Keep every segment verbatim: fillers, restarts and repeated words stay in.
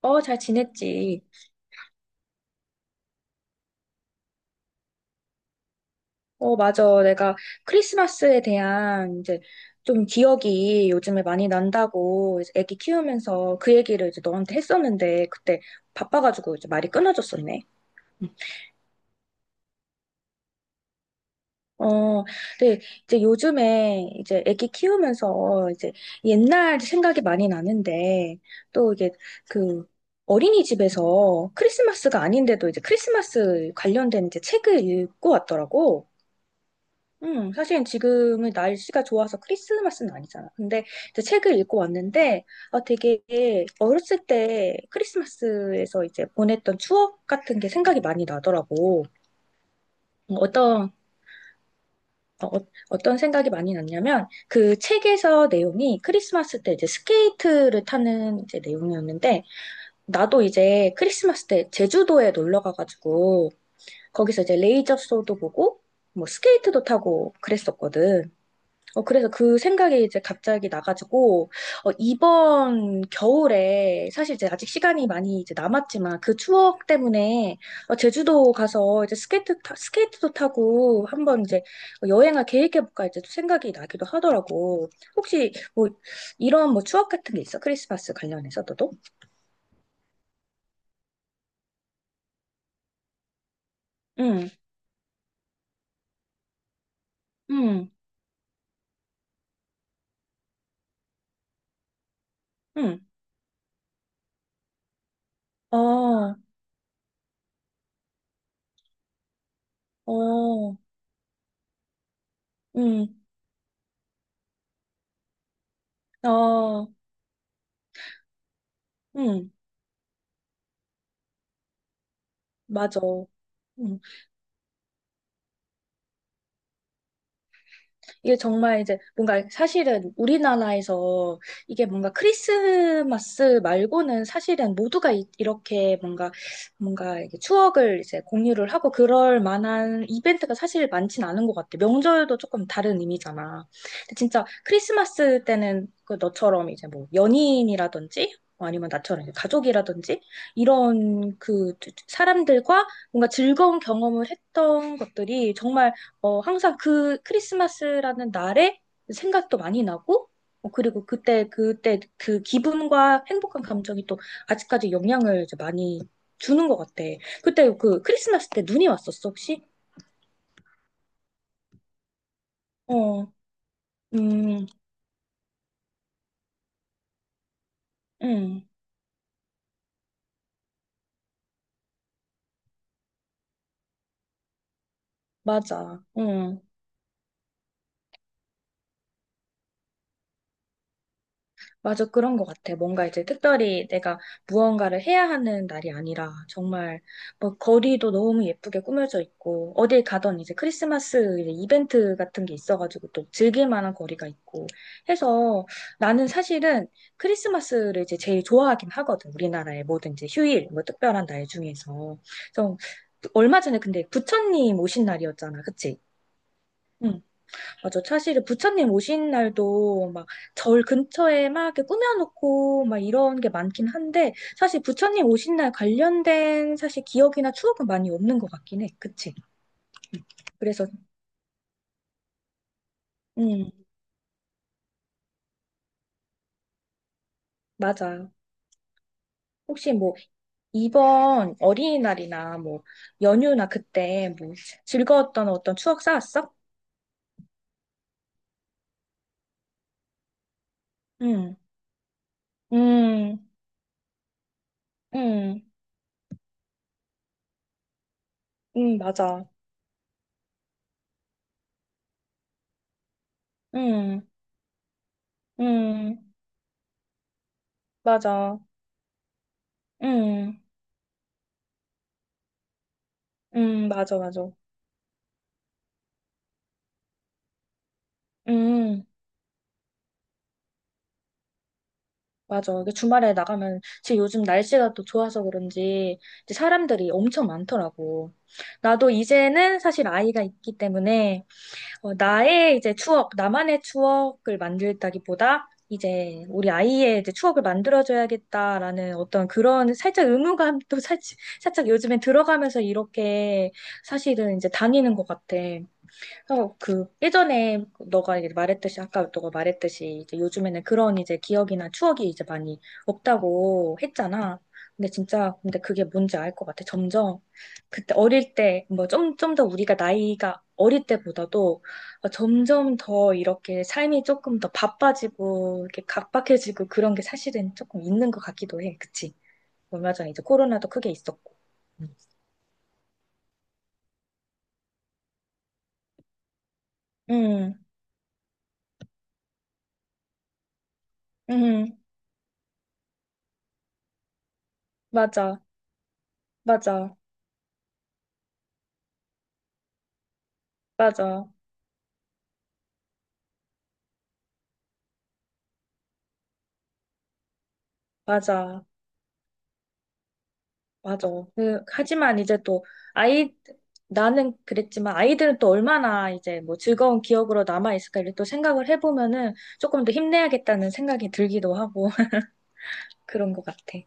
어, 잘 지냈지. 어, 맞아. 내가 크리스마스에 대한 이제 좀 기억이 요즘에 많이 난다고 이제 애기 키우면서 그 얘기를 이제 너한테 했었는데 그때 바빠가지고 이제 말이 끊어졌었네. 어, 근데 이제 요즘에 이제 애기 키우면서 이제 옛날 생각이 많이 나는데 또 이게 그 어린이집에서 크리스마스가 아닌데도 이제 크리스마스 관련된 이제 책을 읽고 왔더라고. 음, 사실 지금은 날씨가 좋아서 크리스마스는 아니잖아. 근데 이제 책을 읽고 왔는데, 아, 되게 어렸을 때 크리스마스에서 이제 보냈던 추억 같은 게 생각이 많이 나더라고. 음, 어떤, 어, 어- 어떤 생각이 많이 났냐면, 그 책에서 내용이 크리스마스 때 이제 스케이트를 타는 이제 내용이었는데, 나도 이제 크리스마스 때 제주도에 놀러 가가지고, 거기서 이제 레이저 쇼도 보고, 뭐 스케이트도 타고 그랬었거든. 어, 그래서 그 생각이 이제 갑자기 나가지고, 어, 이번 겨울에, 사실 이제 아직 시간이 많이 이제 남았지만, 그 추억 때문에, 어, 제주도 가서 이제 스케이트, 타, 스케이트도 타고, 한번 이제 여행을 계획해볼까 이제 또 생각이 나기도 하더라고. 혹시 뭐, 이런 뭐 추억 같은 게 있어? 크리스마스 관련해서 너도? 응, 응, 응. 어, 어, 응, 어, 응, 맞아. 응. 이게 정말 이제 뭔가 사실은 우리나라에서 이게 뭔가 크리스마스 말고는 사실은 모두가 이, 렇게 뭔가 뭔가 이렇게 추억을 이제 공유를 하고 그럴 만한 이벤트가 사실 많진 않은 것 같아. 명절도 조금 다른 의미잖아. 근데 진짜 크리스마스 때는 그 너처럼 이제 뭐 연인이라든지 뭐 아니면 나처럼 이제 가족이라든지 이런 그 사람들과 뭔가 즐거운 경험을 했던 것들이 정말 어, 항상 그 크리스마스라는 날에 생각도 많이 나고, 어, 그리고 그때, 그때 그 기분과 행복한 감정이 또 아직까지 영향을 이제 많이 주는 것 같아. 그때 그 크리스마스 때 눈이 왔었어, 혹시? 어, 음, 음, 맞아. 음. 맞아, 그런 것 같아. 뭔가 이제 특별히 내가 무언가를 해야 하는 날이 아니라 정말 뭐 거리도 너무 예쁘게 꾸며져 있고 어딜 가던 이제 크리스마스 이제 이벤트 같은 게 있어가지고 또 즐길 만한 거리가 있고 해서 나는 사실은 크리스마스를 이제 제일 좋아하긴 하거든. 우리나라의 모든 이제 휴일, 뭐 특별한 날 중에서. 좀 얼마 전에 근데 부처님 오신 날이었잖아. 그치? 응. 맞아. 사실은 부처님 오신 날도 막 절 근처에 막 이렇게 꾸며놓고 막 이런 게 많긴 한데 사실 부처님 오신 날 관련된 사실 기억이나 추억은 많이 없는 것 같긴 해. 그치? 그래서, 음, 맞아. 혹시 뭐 이번 어린이날이나 뭐 연휴나 그때 뭐 즐거웠던 어떤 추억 쌓았어? 응, 응, 응, 응, 맞아. 응, 응, 맞아. 응, 응, 맞아, 맞아. 응. 맞아. 이게 주말에 나가면, 지금 요즘 날씨가 또 좋아서 그런지, 이제 사람들이 엄청 많더라고. 나도 이제는 사실 아이가 있기 때문에, 어, 나의 이제 추억, 나만의 추억을 만들다기보다, 이제 우리 아이의 이제 추억을 만들어줘야겠다라는 어떤 그런 살짝 의무감도 살짝, 살짝 요즘에 들어가면서 이렇게 사실은 이제 다니는 것 같아. 어, 그 예전에 너가 이제 말했듯이 아까 너가 말했듯이 이제 요즘에는 그런 이제 기억이나 추억이 이제 많이 없다고 했잖아. 근데 진짜 근데 그게 뭔지 알 것 같아. 점점 그때 어릴 때 뭐 좀 좀 더 우리가 나이가 어릴 때보다도 어, 점점 더 이렇게 삶이 조금 더 바빠지고 이렇게 각박해지고 그런 게 사실은 조금 있는 것 같기도 해. 그치? 얼마 전에 이제 코로나도 크게 있었고. 응, 응, 맞아, 맞아, 맞아, 맞아. 맞아. 그, 하지만 이제 또, 아이, 나는 그랬지만 아이들은 또 얼마나 이제 뭐 즐거운 기억으로 남아있을까 이렇게 또 생각을 해보면은 조금 더 힘내야겠다는 생각이 들기도 하고 그런 것 같아.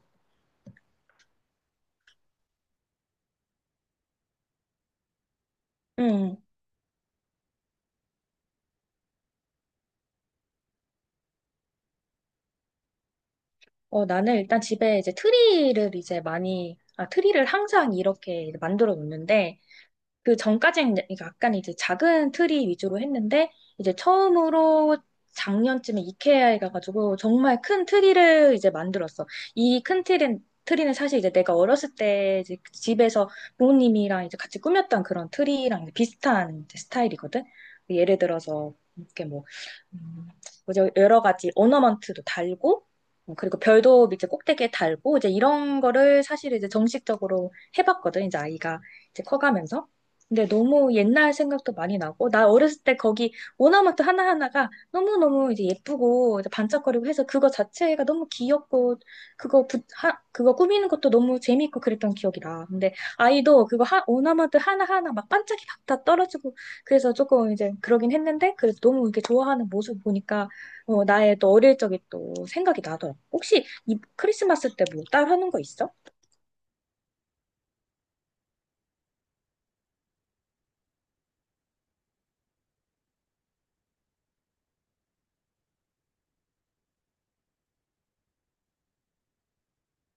음, 어, 나는 일단 집에 이제 트리를 이제 많이, 아, 트리를 항상 이렇게 만들어 놓는데 그 전까지는 이제 그러니까 약간 이제 작은 트리 위주로 했는데 이제 처음으로 작년쯤에 이케아에 가가지고 정말 큰 트리를 이제 만들었어. 이 큰 트리는 트리는 사실 이제 내가 어렸을 때 이제 그 집에서 부모님이랑 이제 같이 꾸몄던 그런 트리랑 이제 비슷한 이제 스타일이거든. 예를 들어서 이렇게 뭐 음, 뭐죠? 여러 가지 오너먼트도 달고 어, 그리고 별도 이제 꼭대기에 달고 이제 이런 거를 사실 이제 정식적으로 해봤거든. 이제 아이가 이제 커가면서. 근데 너무 옛날 생각도 많이 나고, 나 어렸을 때 거기 오나마트 하나하나가 너무너무 이제 예쁘고, 이제 반짝거리고 해서 그거 자체가 너무 귀엽고, 그거 부, 하, 그거 꾸미는 것도 너무 재밌고 그랬던 기억이라. 근데 아이도 그거 하, 오나마트 하나하나 막 반짝이 막 다 떨어지고, 그래서 조금 이제 그러긴 했는데, 그래도 너무 이렇게 좋아하는 모습 보니까, 어, 나의 또 어릴 적이 또 생각이 나더라고. 혹시 이 크리스마스 때 뭐 따로 하는 거 있어?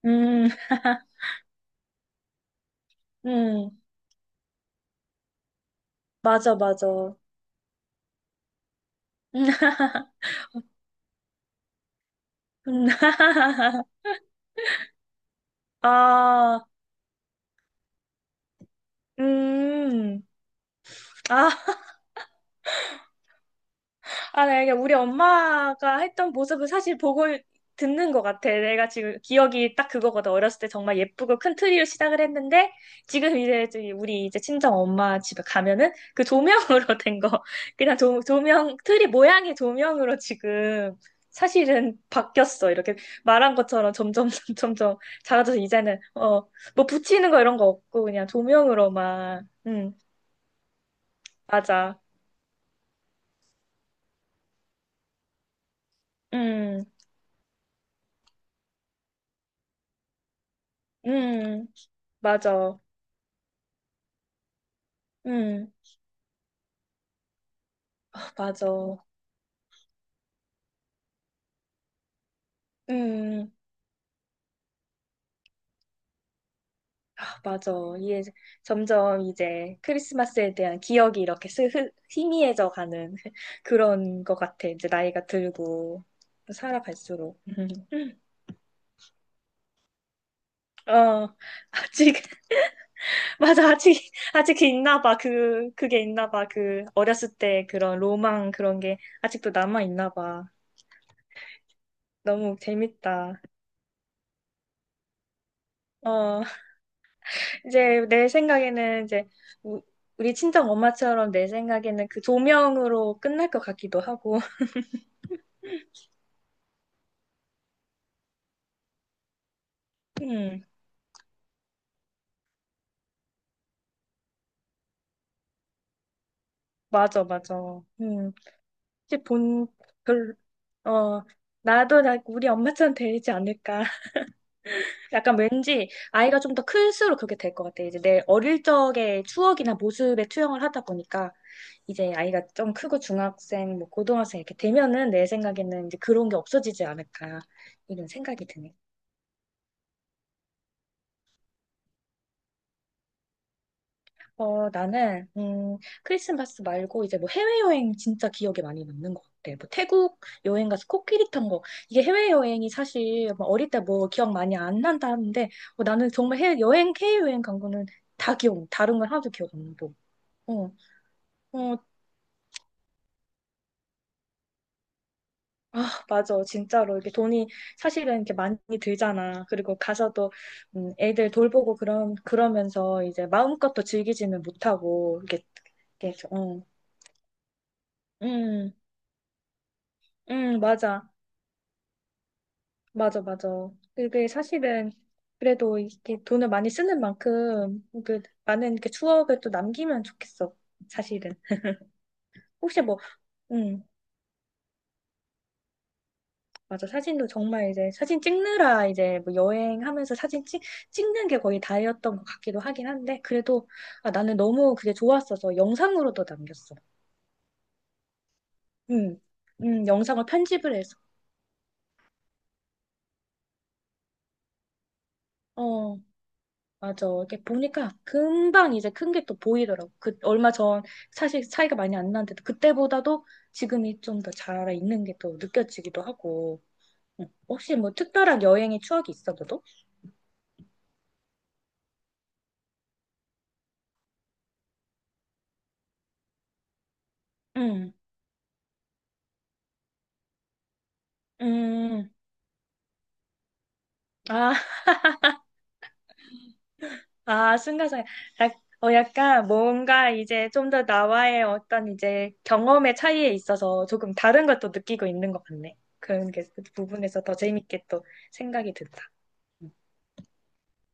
음, 음, 맞아, 맞아. 음, 아, 음, 아, 아, 네, 이게 우리 엄마가 했던 모습을 사실 보고 듣는 것 같아. 내가 지금 기억이 딱 그거거든. 어렸을 때 정말 예쁘고 큰 트리로 시작을 했는데, 지금 이제 저기 우리 이제 친정 엄마 집에 가면은 그 조명으로 된 거, 그냥 조, 조명, 트리 모양의 조명으로 지금 사실은 바뀌었어. 이렇게 말한 것처럼 점점, 점점 작아져서 이제는, 어, 뭐 붙이는 거 이런 거 없고, 그냥 조명으로만, 음. 맞아. 음, 음, 맞아. 음, 아, 맞아. 음, 아, 맞아. 이게 점점 이제 크리스마스에 대한 기억이 이렇게 스, 흐, 희미해져 가는 그런 것 같아. 이제 나이가 들고 살아갈수록. 음. 어, 아직, 맞아. 아직, 아직 있나 봐. 그, 그게 있나 봐. 그 어렸을 때 그런 로망 그런 게 아직도 남아 있나 봐. 너무 재밌다. 어. 이제 내 생각에는 이제 우- 우리 친정 엄마처럼 내 생각에는 그 조명으로 끝날 것 같기도 하고. 음, 맞아, 맞아. 음, 이제 본, 별, 어, 나도 나 우리 엄마처럼 되지 않을까. 약간 왠지 아이가 좀 더 클수록 그렇게 될 것 같아. 이제 내 어릴 적의 추억이나 모습에 투영을 하다 보니까 이제 아이가 좀 크고 중학생, 뭐 고등학생 이렇게 되면은 내 생각에는 이제 그런 게 없어지지 않을까. 이런 생각이 드네. 어, 나는, 음, 크리스마스 말고 이제 뭐 해외여행 진짜 기억에 많이 남는 것 같아. 뭐 태국 여행 가서 코끼리 탄 거. 이게 해외여행이 사실 뭐 어릴 때 뭐 기억 많이 안 난다 하는데, 어, 나는 정말 해외여행, 해외여행 간 거는 다 기억, 다른 건 하나도 기억 안 나고. 어, 어, 맞아. 진짜로. 이게 돈이 사실은 이렇게 많이 들잖아. 그리고 가서도, 음, 애들 돌보고 그런, 그러면서 이제 마음껏 또 즐기지는 못하고, 이렇게, 이렇게, 어, 음, 음, 맞아. 맞아, 맞아. 그게 사실은 그래도 이렇게 돈을 많이 쓰는 만큼 그 많은 이렇게 추억을 또 남기면 좋겠어. 사실은. 혹시 뭐, 음, 맞아. 사진도 정말 이제 사진 찍느라 이제 뭐 여행하면서 사진 찍, 찍는 게 거의 다였던 것 같기도 하긴 한데 그래도 아, 나는 너무 그게 좋았어서 영상으로도 남겼어. 음, 음, 영상을 편집을 해서. 어. 맞아. 이렇게 보니까 금방 이제 큰 게 또 보이더라고. 그 얼마 전 사실 차이가 많이 안 나는데도 그때보다도 지금이 좀 더 잘 있는 게 또 느껴지기도 하고. 응. 혹시 뭐 특별한 여행의 추억이 있어, 너도? 응. 음. 아, 아, 순간순간. 약- 어, 약간 뭔가 이제 좀 더 나와의 어떤 이제 경험의 차이에 있어서 조금 다른 것도 느끼고 있는 것 같네. 그런 게, 그 부분에서 더 재밌게 또 생각이 든다. 응.